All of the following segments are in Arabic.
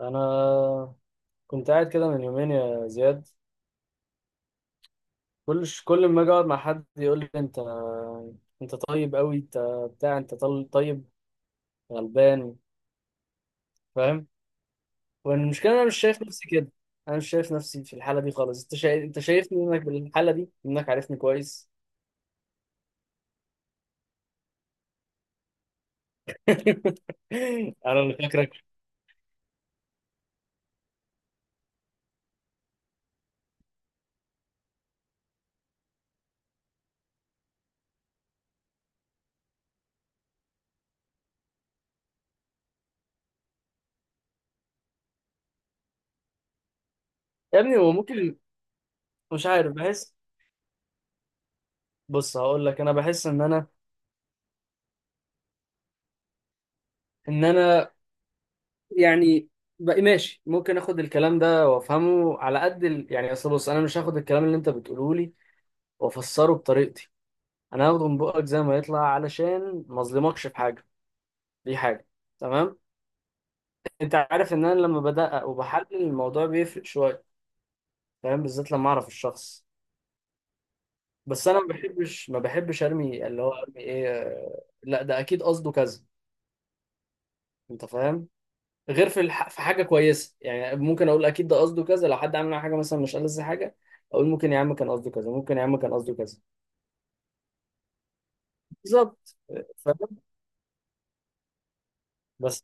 انا كنت قاعد كده من يومين يا زياد. كل ما اجي اقعد مع حد يقول لي انت، انت طيب قوي، انت بتاع، انت طيب غلبان، فاهم. والمشكله انا مش شايف نفسي كده، انا مش شايف نفسي في الحاله دي خالص. انت شايف، انت شايفني انك بالحاله دي، انك عارفني كويس. انا اللي فاكرك يا ابني. هو ممكن، مش عارف، بحس، بص هقول لك، انا بحس ان انا يعني بقى ماشي، ممكن اخد الكلام ده وافهمه على قد ال... يعني اصل بص، انا مش هاخد الكلام اللي انت بتقوله لي وافسره بطريقتي، انا هاخده من بقك زي ما يطلع علشان ما اظلمكش في حاجه. دي حاجه، تمام. انت عارف ان انا لما بدقق وبحلل الموضوع بيفرق شويه، فاهم، بالذات لما اعرف الشخص. بس انا ما بحبش ارمي اللي هو ارمي ايه لا ده اكيد قصده كذا، انت فاهم. غير في في حاجه كويسه، يعني ممكن اقول اكيد ده قصده كذا لو حد عامل معايا حاجه مثلا مش ألذ حاجه. اقول ممكن يا عم كان قصده كذا، ممكن يا عم كان قصده كذا. بالظبط، فاهم. بس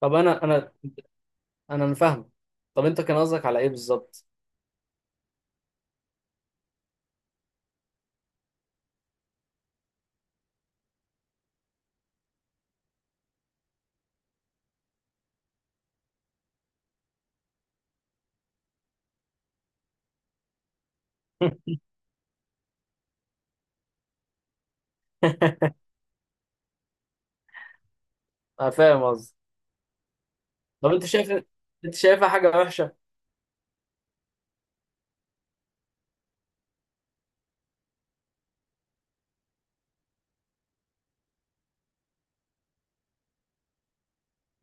طب انا أنا فاهم، طب انت كان قصدك على ايه بالظبط؟ انا فاهم قصدي. طب انت شايف، انت شايفها حاجه وحشه؟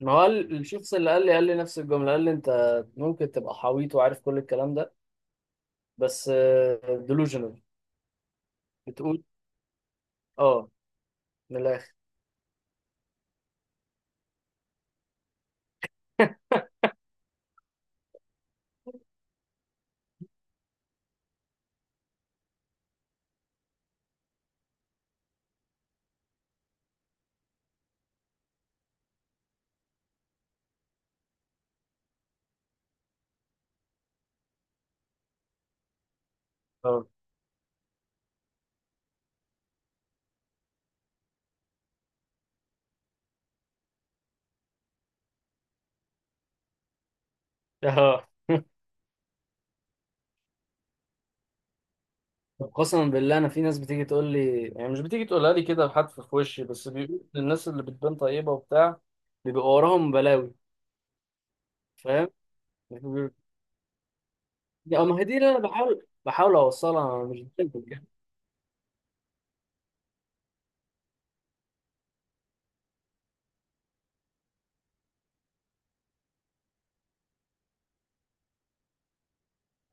ما هو الشخص اللي قال لي قال لي نفس الجمله، قال لي انت ممكن تبقى حويط وعارف كل الكلام ده، بس ديلوجنال، بتقول. اه، من الاخر. اه. اه، طب قسما بالله انا في ناس بتيجي تقول لي، يعني مش بتيجي تقولها لي كده بحد في وشي، بس بيقول الناس اللي بتبان طيبه وبتاع بيبقى وراهم بلاوي، فاهم. بيقول اه، ما هي دي اللي انا بحاول اوصلها، انا مش بكذب يعني.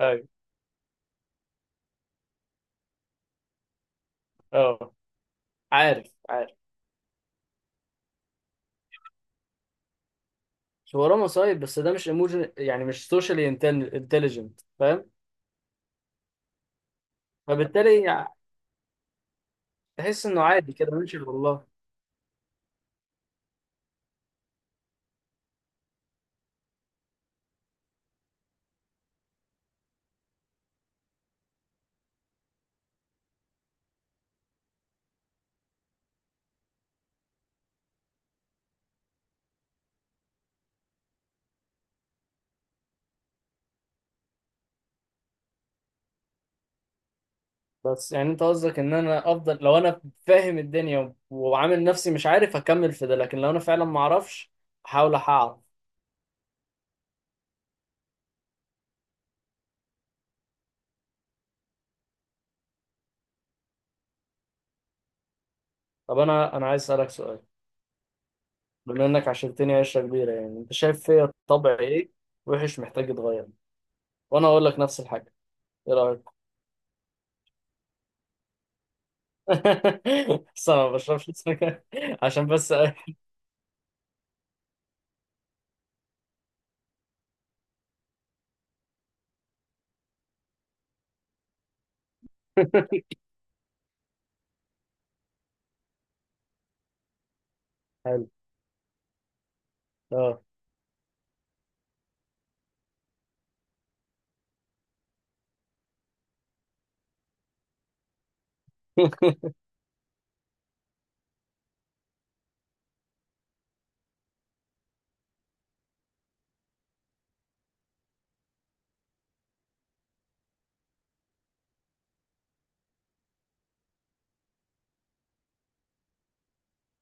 ايوه، اه. عارف عارف، شو وراه مصايب، بس ده مش ايموجن يعني، مش سوشيالي انتليجنت، فاهم. فبالتالي يعني تحس انه عادي كده، ماشي والله. بس يعني انت قصدك ان انا افضل لو انا فاهم الدنيا وعامل نفسي مش عارف اكمل في ده، لكن لو انا فعلا ما اعرفش احاول اعرف. طب انا عايز اسالك سؤال، بما انك عشرتني عشره كبيره، يعني انت شايف فيا طبع ايه وحش محتاج يتغير، وانا اقول لك نفس الحاجه، ايه رايك؟ بس انا ما بشربش سجاير. عشان بس أ- حلو. اه.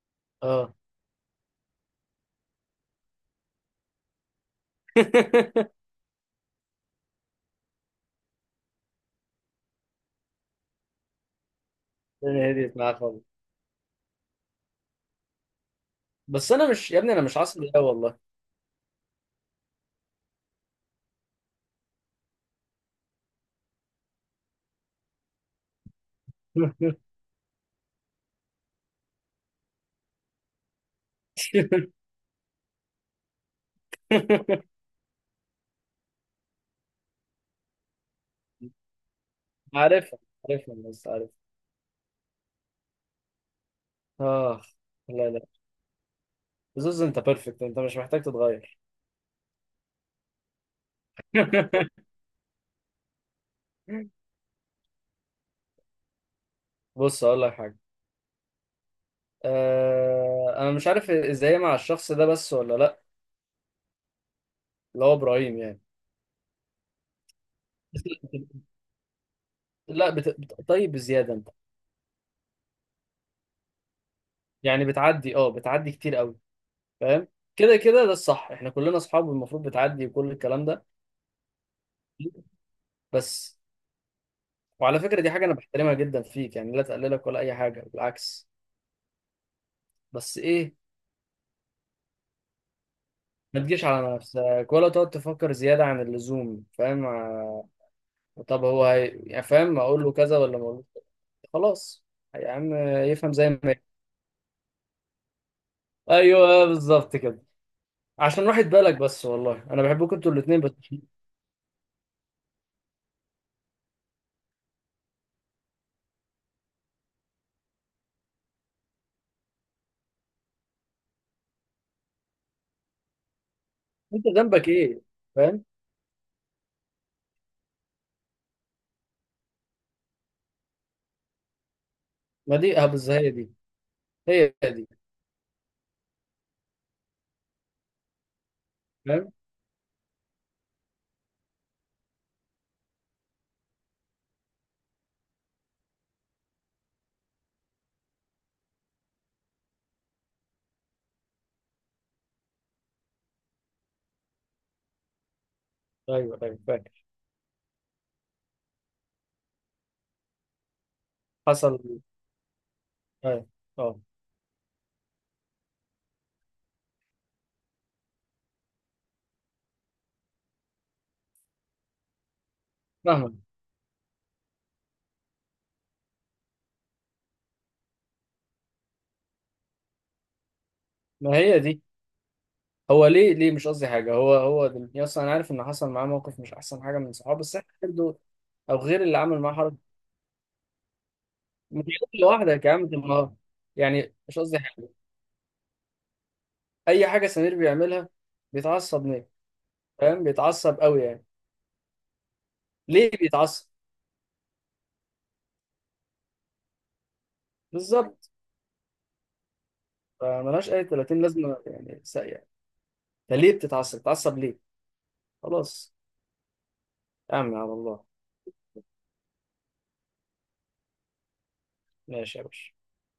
اه. الدنيا هديت معايا خالص. بس انا مش يا ابني، انا مش عصبي قوي والله. عارفها، عارفها بس عارف. اه، لا لا، زوز انت بيرفكت، انت مش محتاج تتغير. بص اقول لك حاجه، انا مش عارف ازاي مع الشخص ده بس ولا لا، اللي هو ابراهيم يعني. بس لا طيب بزياده انت، يعني بتعدي، اه بتعدي كتير قوي، فاهم. كده كده ده الصح، احنا كلنا اصحاب والمفروض بتعدي وكل الكلام ده. بس وعلى فكره دي حاجه انا بحترمها جدا فيك يعني، لا تقللك ولا اي حاجه، بالعكس. بس ايه؟ ما تجيش على نفسك ولا تقعد تفكر زيادة عن اللزوم، فاهم طب يعني فاهم، أقول له كذا ولا ما أقولوش كذا؟ خلاص يا عم، يفهم زي ما يفهم. أيوه بالظبط كده، عشان راحة بالك بس، والله أنا بحبكم أنتوا الاتنين. بس أنت ذنبك إيه؟ فاهم. ما دي أبز، هي دي، هي دي، فاهم. أيوه أيوه فاكر. حصل، أيوه، أه. فاهمة. ما هي دي، هو ليه ليه؟ مش قصدي حاجة، هو هو دلوقتي أصلا أنا عارف إن حصل معاه موقف مش أحسن حاجة من صحابه، بس إحنا برضه، أو غير اللي عمل معاه حركة. مش انت لوحدك يا عم دي المرة، يعني مش قصدي حاجة. أي حاجة سمير بيعملها بيتعصب ليه، فاهم، بيتعصب قوي يعني، ليه بيتعصب؟ بالظبط، فملهاش أي 30 لازمة يعني، ساقية، فليه بتتعصب بتتعصب ليه؟ خلاص، أعمل على الله. ماشي يا باشا.